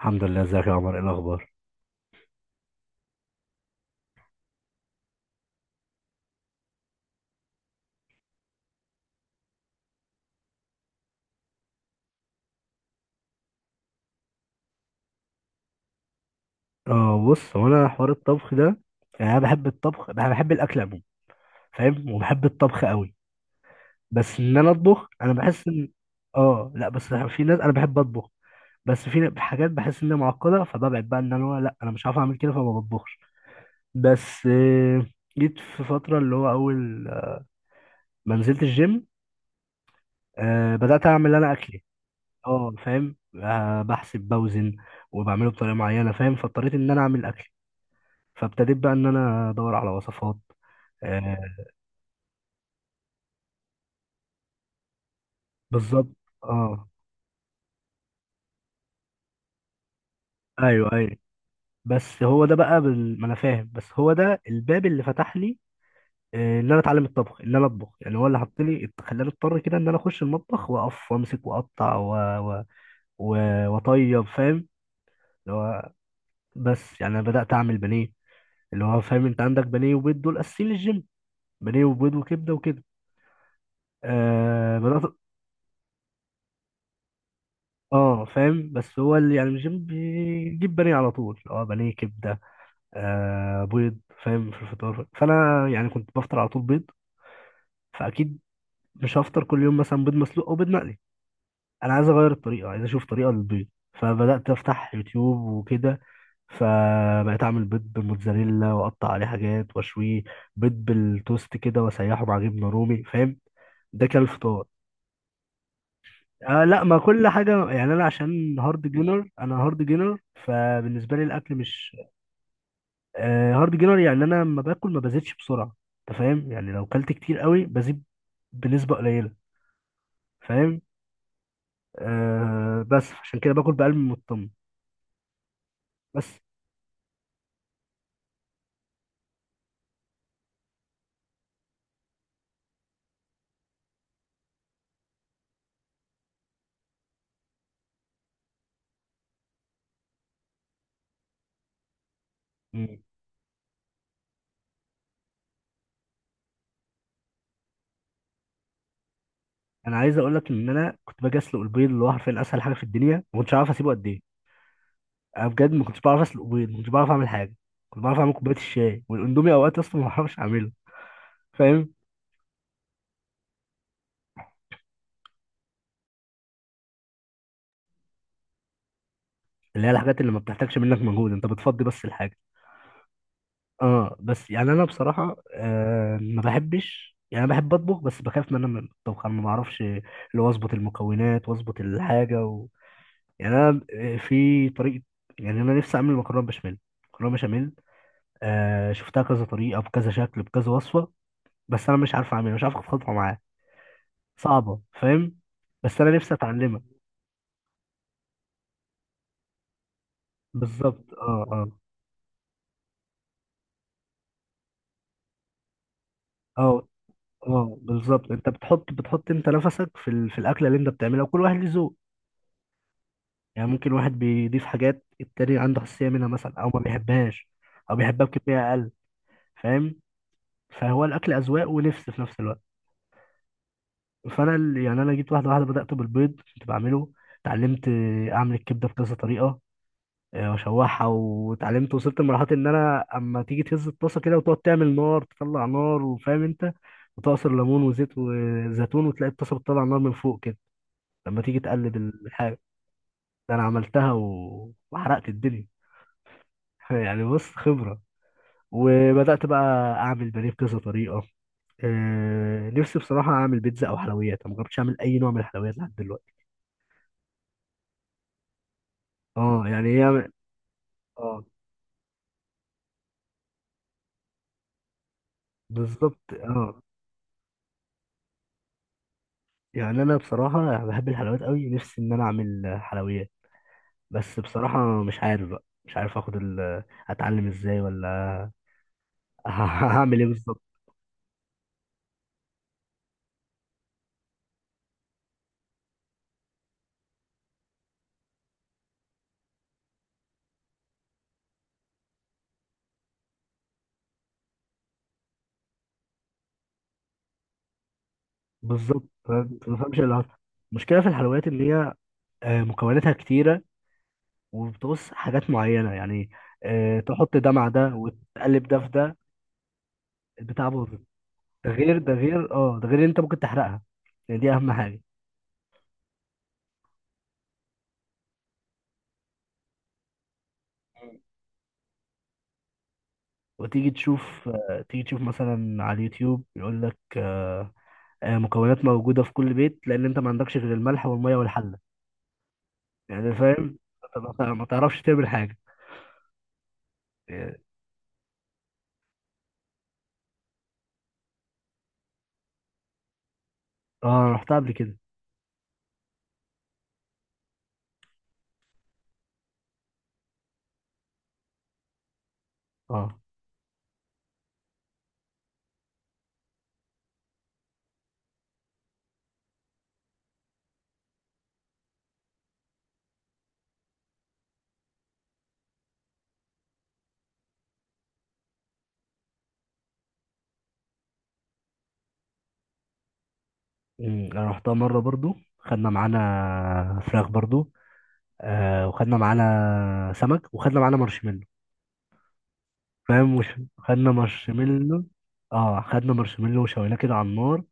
الحمد لله، ازيك يا عمر؟ ايه الاخبار؟ اه، بص، هو انا حوار الطبخ ده، يعني انا بحب الطبخ، انا بحب الاكل عموما، فاهم، وبحب الطبخ قوي. بس ان انا اطبخ، انا بحس ان... اه لا، بس في ناس، انا بحب اطبخ، بس في حاجات بحس ان هي معقده، فببعد بقى ان انا، لا انا مش عارف اعمل كده، فما بطبخش. بس جيت في فتره اللي هو اول ما نزلت الجيم، بدات اعمل انا اكلي. اه فاهم، بحسب بوزن وبعمله بطريقه معينه، فاهم، فاضطريت ان انا اعمل اكل، فابتديت بقى ان انا ادور على وصفات. آه، بالظبط، اه، ايوه ايوه. بس هو ده بقى ما انا فاهم، بس هو ده الباب اللي فتح لي، ان انا اتعلم الطبخ، ان انا اطبخ، يعني هو اللي حط لي، خلاني اضطر كده ان انا اخش المطبخ، واقف وامسك واقطع و... و... واطيب، فاهم، اللي هو، بس يعني انا بدات اعمل بانيه، اللي هو فاهم، انت عندك بانيه وبيض دول اساسيين للجيم، بانيه وبيض وكبده وكده. بدات. اه فاهم، بس هو اللي يعني الجيم بيجيب بانيه على طول، اه بانيه كبده، بيض، فاهم، في الفطار. فانا يعني كنت بفطر على طول بيض، فاكيد مش هفطر كل يوم مثلا بيض مسلوق او بيض مقلي، انا عايز اغير الطريقه، عايز اشوف طريقه للبيض. فبدات افتح يوتيوب وكده، فبقيت اعمل بيض بالموتزاريلا واقطع عليه حاجات واشويه، بيض بالتوست كده واسيحه مع جبنه رومي، فاهم، ده كان الفطار. لا، ما كل حاجه، يعني انا عشان هارد جينر، انا هارد جينر. فبالنسبه لي الاكل مش... هارد جينر، يعني انا لما باكل ما بزيدش بسرعه، انت فاهم، يعني لو كلت كتير قوي بزيد بنسبه قليله، فاهم، بس عشان كده باكل بقلب مطمن، بس. مم. انا عايز اقول لك ان انا كنت باجي اسلق البيض، اللي هو حرفيا اسهل حاجه في الدنيا، ما كنتش عارف اسيبه قد ايه. انا بجد ما كنتش بعرف اسلق بيض، ما كنتش بعرف اعمل حاجه، كنت بعرف اعمل كوبايه الشاي والاندومي، اوقات اصلا ما بعرفش اعمله. فاهم، اللي هي الحاجات اللي ما بتحتاجش منك مجهود، انت بتفضي بس الحاجه. اه، بس يعني انا بصراحه ما بحبش، يعني انا بحب اطبخ، بس بخاف من الطبخ، انا ما بعرفش اللي هو اظبط المكونات واظبط الحاجه يعني انا، في طريقه، يعني انا نفسي اعمل مكرونه بشاميل، مكرونه بشاميل. شفتها كذا طريقه، بكذا شكل، بكذا وصفه، بس انا مش عارف اعملها، مش عارف اخد خطوه معاها، صعبه، فاهم، بس انا نفسي اتعلمها. بالظبط، اه، اه، اه، اه، بالظبط. انت بتحط انت نفسك في الاكله اللي انت بتعملها، وكل واحد له ذوق، يعني ممكن واحد بيضيف حاجات، التاني عنده حساسية منها مثلا، أو ما بيحبهاش، أو بيحبها بكمية أقل، فاهم، فهو الأكل أذواق ونفس في نفس الوقت. فأنا يعني أنا جيت واحدة واحدة، بدأت بالبيض كنت بعمله، اتعلمت أعمل الكبدة بكذا طريقة، وأشوحها، واتعلمت، وصلت لمرحلة إن أنا أما تيجي تهز الطاسة كده وتقعد تعمل نار، تطلع نار، وفاهم أنت، وتعصر ليمون وزيت وزيتون، وتلاقي الطاسة بتطلع نار من فوق كده لما تيجي تقلب الحاجة. ده أنا عملتها وحرقت الدنيا. يعني بص، خبرة. وبدأت بقى أعمل بانيه بكذا طريقة. نفسي بصراحة أعمل بيتزا أو حلويات، أنا مجربتش أعمل أي نوع من الحلويات لحد دلوقتي. أه يعني هي، أه بالظبط، أه، يعني أنا بصراحة بحب الحلويات أوي، نفسي إن أنا أعمل حلويات، بس بصراحة مش عارف بقى، مش عارف آخد ال... أتعلم إزاي ولا... هعمل إيه بالظبط؟ بالظبط، فاهم؟ ما بفهمش اللي حصل. المشكلة في الحلويات إن هي مكوناتها كتيرة، وبتقص حاجات معينة، يعني تحط ده مع ده، وتقلب ده في ده، البتاع باظت ده، غير ده، غير ده، غير ان انت ممكن تحرقها، يعني دي اهم حاجه. مم. وتيجي تشوف، آه، تيجي تشوف مثلا على اليوتيوب يقول لك مكونات موجوده في كل بيت، لان انت ما عندكش غير الملح والميه والحله، يعني فاهم أنت، ما تعرفش تعمل حاجه، يعني- اه انا رحتها قبل كده، اه. انا رحتها مره برضو، خدنا معانا فراخ برضو، وخدنا معانا سمك، وخدنا معانا مارشميلو، فاهم، خدنا مارشميلو، وشويناه كده على النار،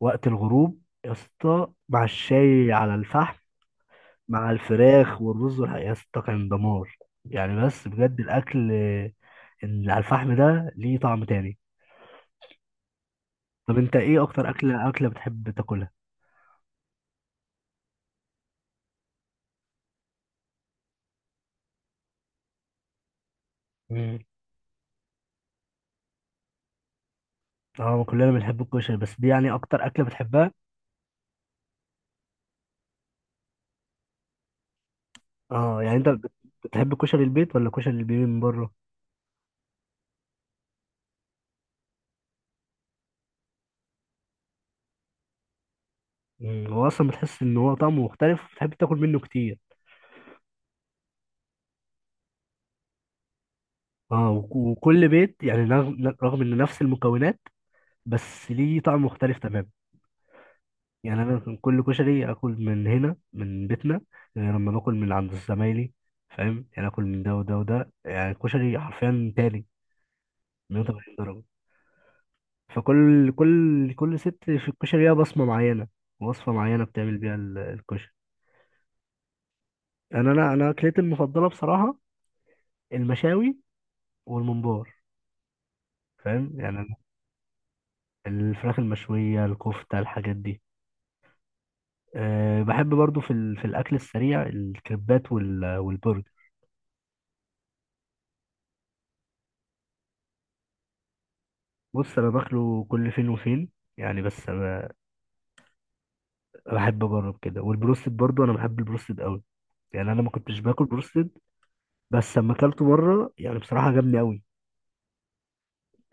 وقت الغروب، يا اسطى مع الشاي على الفحم، مع الفراخ والرز يا اسطى كان دمار. يعني بس بجد الاكل اللي على الفحم ده، ليه طعم تاني. طب انت ايه اكتر اكله بتحب تاكلها؟ مم. اه، كلنا بنحب الكشري، بس دي يعني اكتر اكله بتحبها. اه يعني انت بتحب كشري البيت ولا كشري اللي بيجي من بره؟ مم، هو اصلا بتحس ان هو طعمه مختلف وبتحب تاكل منه كتير. اه، وكل بيت يعني، رغم ان نفس المكونات، بس ليه طعم مختلف تماما. يعني انا كان كل كشري اكل من هنا من بيتنا، غير لما باكل من عند زمايلي، فاهم، يعني اكل من ده وده وده، يعني الكشري حرفيا تاني، 180 درجه. فكل كل كل ست في الكشري ليها بصمه معينه، وصفه معينه بتعمل بيها الكشري. انا اكلتي المفضله بصراحه المشاوي والممبار، فاهم، يعني أنا الفراخ المشويه، الكفته، الحاجات دي. أه بحب برضو في الاكل السريع، الكريبات والبرجر. بص انا باكله كل فين وفين، يعني بس انا بحب اجرب كده، والبروستد برضو انا بحب البروستد قوي، يعني انا ما كنتش باكل بروستد، بس لما اكلته مره يعني بصراحه جامد قوي.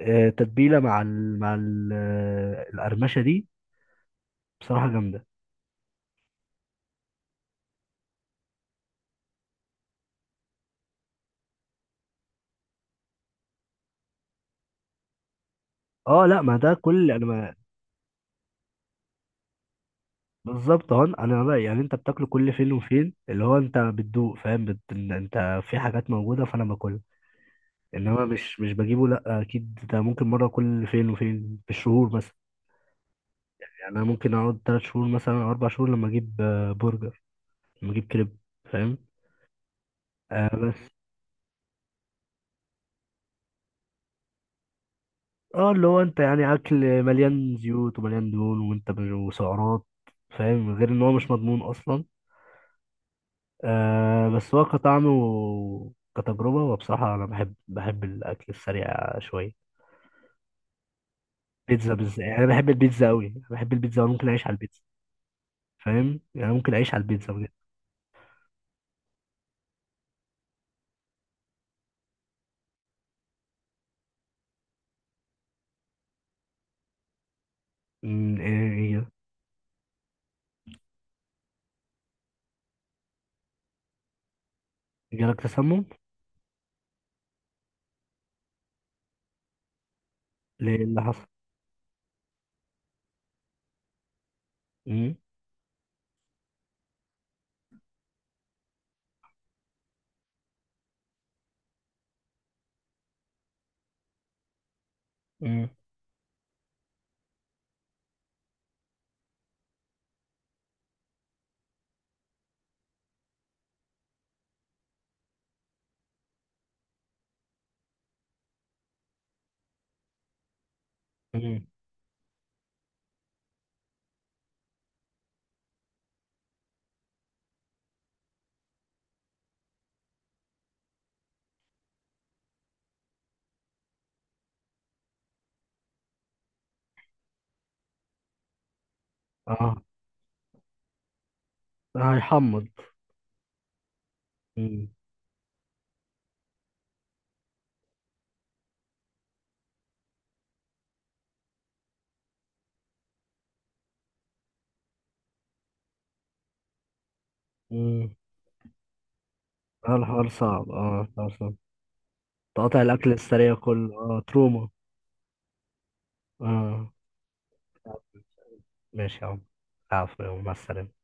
تتبيله مع ال القرمشه دي بصراحه جامده. اه لا، ما ده كل، انا ما... بالظبط، اهو انا بقى، يعني انت بتاكله كل فين وفين، اللي هو انت بتدوق، فاهم، إن انت في حاجات موجوده فانا باكلها، انما مش، بجيبه لا، اكيد ده ممكن مره كل فين وفين في الشهور. يعني انا ممكن اقعد ثلاث شهور مثلا او اربع شهور لما اجيب برجر، لما اجيب كريب، فاهم، بس اه، اللي هو انت يعني اكل مليان زيوت ومليان دهون، وانت وسعرات، فاهم، غير ان هو مش مضمون اصلا. بس هو كطعم وكتجربة، وبصراحة انا بحب الاكل السريع شوية، بيتزا بالذات، يعني انا بحب البيتزا قوي، بحب البيتزا وممكن اعيش على البيتزا، فاهم، يعني ممكن اعيش على البيتزا بجد. ايه، جالك تسمم؟ ليه؟ إيه اللي حصل؟ امم. امم. امم. اه، هيحمض. مم. مم. اه الحوار صعب، اه الحوار صعب، تقاطع الأكل السريع كله، اه تروما. اه. ماشي يا عم. العفو يا عم. مع السلامة.